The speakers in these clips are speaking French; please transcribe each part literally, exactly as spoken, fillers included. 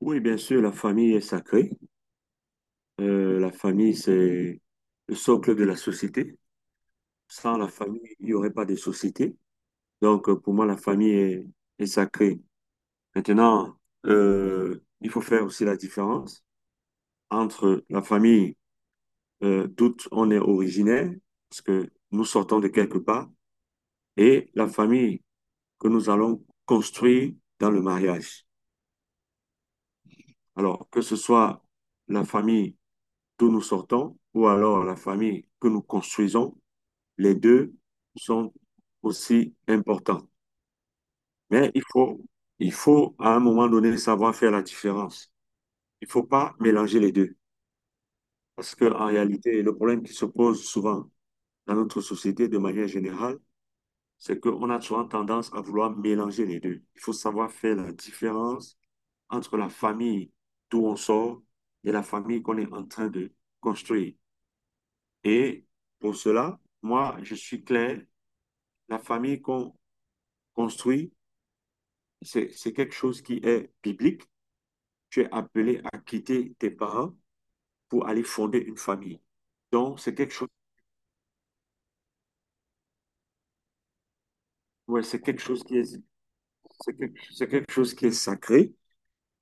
Oui, bien sûr, la famille est sacrée. Euh, la famille, c'est le socle de la société. Sans la famille, il n'y aurait pas de société. Donc, euh, pour moi, la famille est, est sacrée. Maintenant, euh, il faut faire aussi la différence entre la famille euh, d'où on est originaire, parce que nous sortons de quelque part, et la famille que nous allons construire dans le mariage. Alors, que ce soit la famille d'où nous sortons ou alors la famille que nous construisons, les deux sont aussi importants. Mais il faut, il faut à un moment donné savoir faire la différence. Il ne faut pas mélanger les deux. Parce qu'en réalité, le problème qui se pose souvent dans notre société de manière générale, c'est qu'on a souvent tendance à vouloir mélanger les deux. Il faut savoir faire la différence entre la famille d'où on sort et la famille qu'on est en train de construire. Et pour cela, moi, je suis clair, la famille qu'on construit c'est, c'est quelque chose qui est biblique. Tu es appelé à quitter tes parents pour aller fonder une famille. Donc, c'est quelque chose, ouais, c'est quelque chose qui est, c'est quelque, c'est quelque chose qui est sacré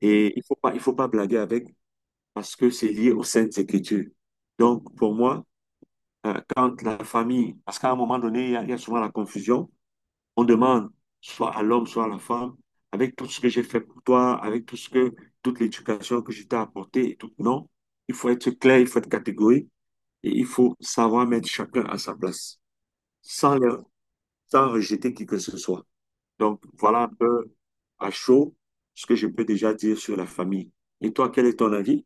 et il faut pas, il faut pas blaguer avec parce que c'est lié aux Saintes Écritures. Donc, pour moi, euh, quand la famille, parce qu'à un moment donné, il y a, il y a souvent la confusion, on demande soit à l'homme, soit à la femme, avec tout ce que j'ai fait pour toi, avec tout ce que, toute l'éducation que je t'ai apportée et tout. Non, il faut être clair, il faut être catégorique. Et il faut savoir mettre chacun à sa place, sans, le- sans rejeter qui que ce soit. Donc, voilà un peu à chaud ce que je peux déjà dire sur la famille. Et toi, quel est ton avis?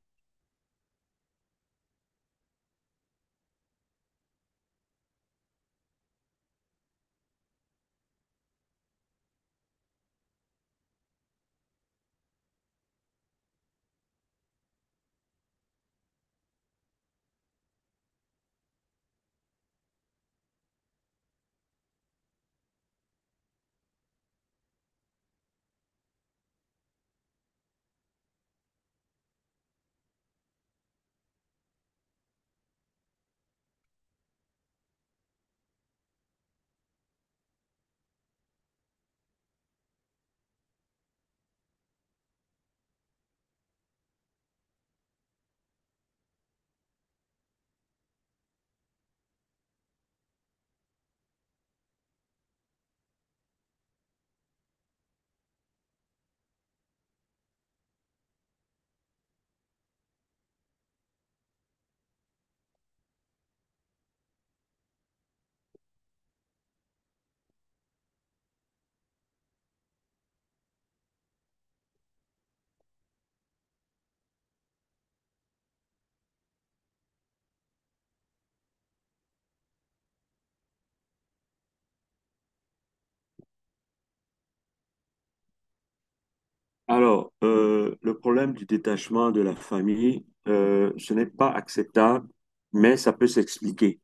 Alors, euh, le problème du détachement de la famille, euh, ce n'est pas acceptable, mais ça peut s'expliquer.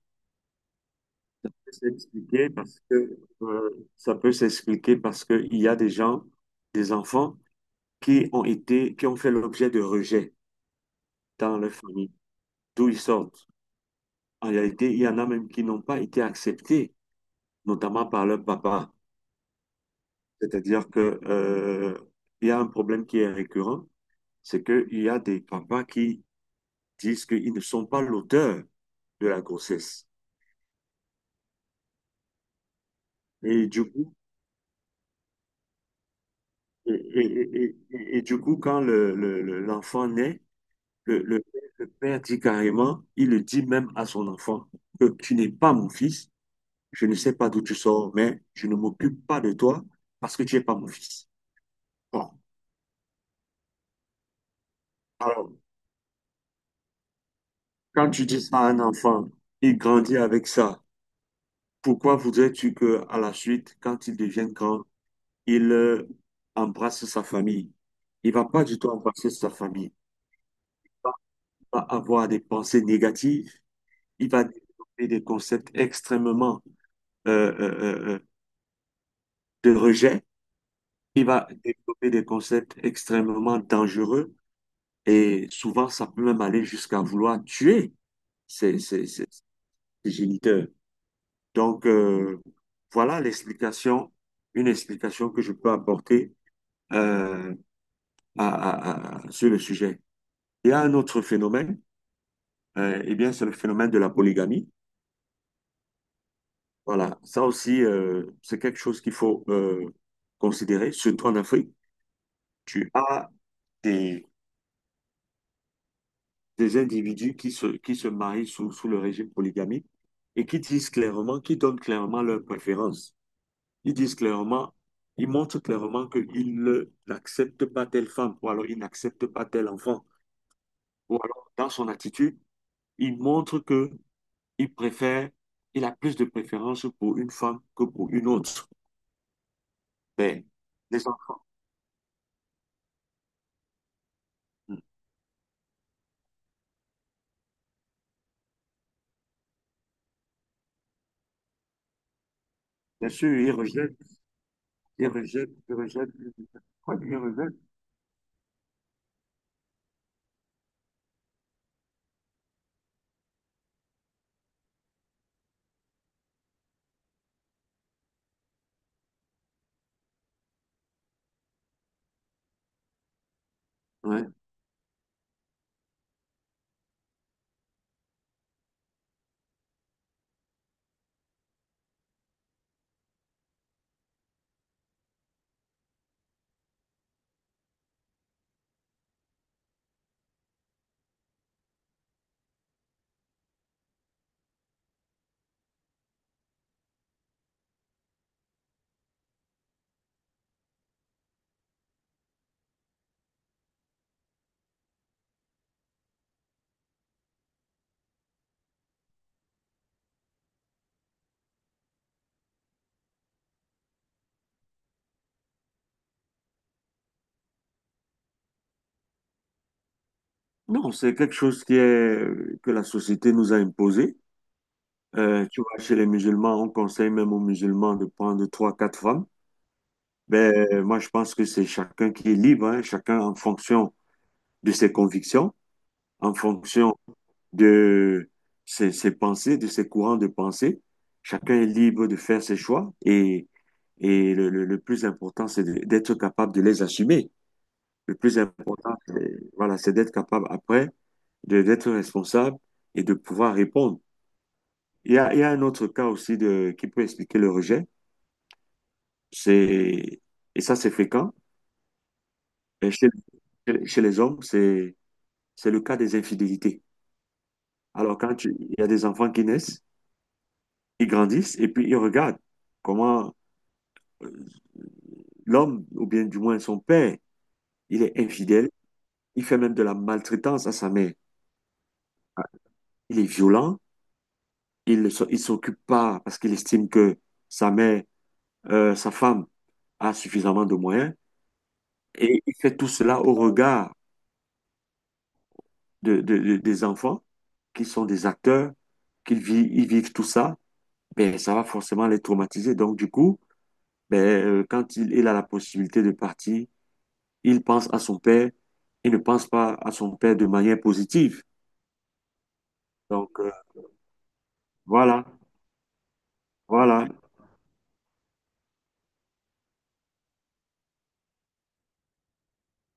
Ça peut s'expliquer parce que, euh, ça peut s'expliquer parce qu'il y a des gens, des enfants, qui ont été, qui ont fait l'objet de rejet dans leur famille, d'où ils sortent. En réalité, il y en a même qui n'ont pas été acceptés, notamment par leur papa. C'est-à-dire que, euh, il y a un problème qui est récurrent, c'est qu'il y a des papas qui disent qu'ils ne sont pas l'auteur de la grossesse. Et du coup, et, et- et- et- et du coup, quand le, le- le- l'enfant naît, le, le le père dit carrément, il le dit même à son enfant, que tu n'es pas mon fils, je ne sais pas d'où tu sors, mais je ne m'occupe pas de toi parce que tu n'es pas mon fils. Bon, alors, quand tu dis ça à un enfant, il grandit avec ça. Pourquoi voudrais-tu que, à la suite, quand il devienne grand, il euh, embrasse sa famille? Il va pas du tout embrasser sa famille. Il va avoir des pensées négatives. Il va développer des concepts extrêmement euh, euh, euh, euh, de rejet. Il va développer des concepts extrêmement dangereux. Et souvent, ça peut même aller jusqu'à vouloir tuer ses, ses, ses- ses géniteurs. Donc, euh, voilà l'explication, une explication que je peux apporter euh, à- à- à- sur le sujet. Il y a un autre phénomène, euh, eh bien, c'est le phénomène de la polygamie. Voilà, ça aussi, euh, c'est quelque chose qu'il faut euh, considérer, surtout en Afrique. Tu as des, des individus qui se, qui se marient sous, sous le régime polygamique et qui disent clairement, qui donnent clairement leurs préférences. Ils disent clairement, ils montrent clairement qu'ils ne- n'acceptent pas telle femme, ou alors ils n'acceptent pas tel enfant, ou alors dans son attitude, ils montrent que il préfère, il a plus de préférence pour une femme que pour une autre. Mais les enfants, hmm, bien sûr, ils rejettent, ils rejettent, ils rejettent, ils rejettent. Ouais, ils rejettent. Ouais. Non, c'est quelque chose qui est, que la société nous a imposé. Euh, tu vois, chez les musulmans, on conseille même aux musulmans de prendre trois, quatre femmes. Ben, moi, je pense que c'est chacun qui est libre, hein, chacun en fonction de ses convictions, en fonction de ses, ses pensées, de ses courants de pensée. Chacun est libre de faire ses choix et, et le, le, le plus important, c'est de- d'être capable de les assumer. Le plus important, euh, voilà, c'est d'être capable après de, d'être responsable et de pouvoir répondre. Il y a, il y a un autre cas aussi de, qui peut expliquer le rejet, c'est, et ça, c'est fréquent, et chez, chez les hommes, c'est c'est le cas des infidélités. Alors, quand tu- il y a des enfants qui naissent, ils grandissent et puis ils regardent comment euh, l'homme, ou bien du moins son père, il est infidèle, il fait même de la maltraitance à sa mère. Il est violent, il ne s'o- il s'occupe pas parce qu'il estime que sa mère, euh, sa femme, a suffisamment de moyens. Et il fait tout cela au regard de, de- de- des enfants qui sont des acteurs, qu'ils vi- ils vivent tout ça. Ben, ça va forcément les traumatiser. Donc, du coup, ben, euh, quand il, il a la possibilité de partir, il pense à son père il ne pense pas à son père de manière positive. Donc, euh, voilà, voilà,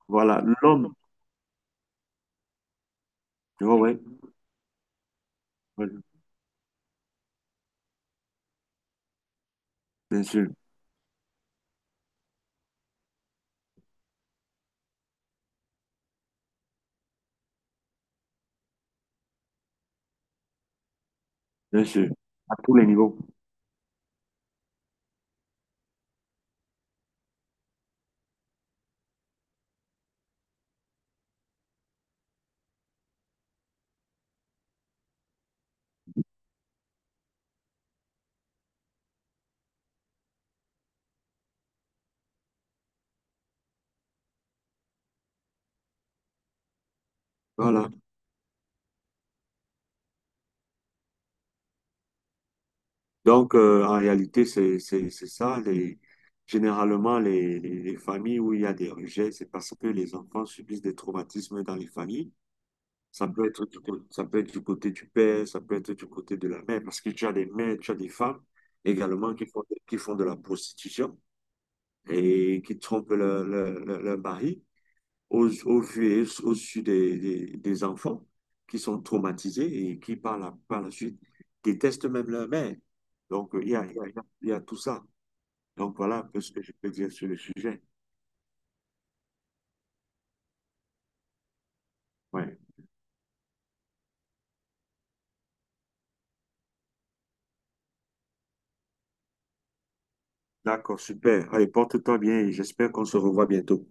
voilà. L'homme, tu vois, ouais, ouais, bien sûr, bien sûr, à tous les niveaux. Voilà. Donc, euh, en réalité, c'est, c'est, c'est ça. Les, généralement, les, les, les familles où il y a des rejets, c'est parce que les enfants subissent des traumatismes dans les familles. Ça peut être du, cô- ça peut être du côté du père, ça peut être du côté de la mère, parce que tu as des mères, tu as des femmes également qui font, qui font de la prostitution et qui trompent leur, leur, leur- leur mari au, au vu et au su des, des, des enfants qui sont traumatisés et qui, par la, par la suite, détestent même leur mère. Donc, il y a, il y a, il y a il y a tout ça. Donc, voilà un peu ce que je peux dire sur le sujet. Ouais. D'accord, super. Allez, porte-toi bien et j'espère qu'on se revoit bientôt.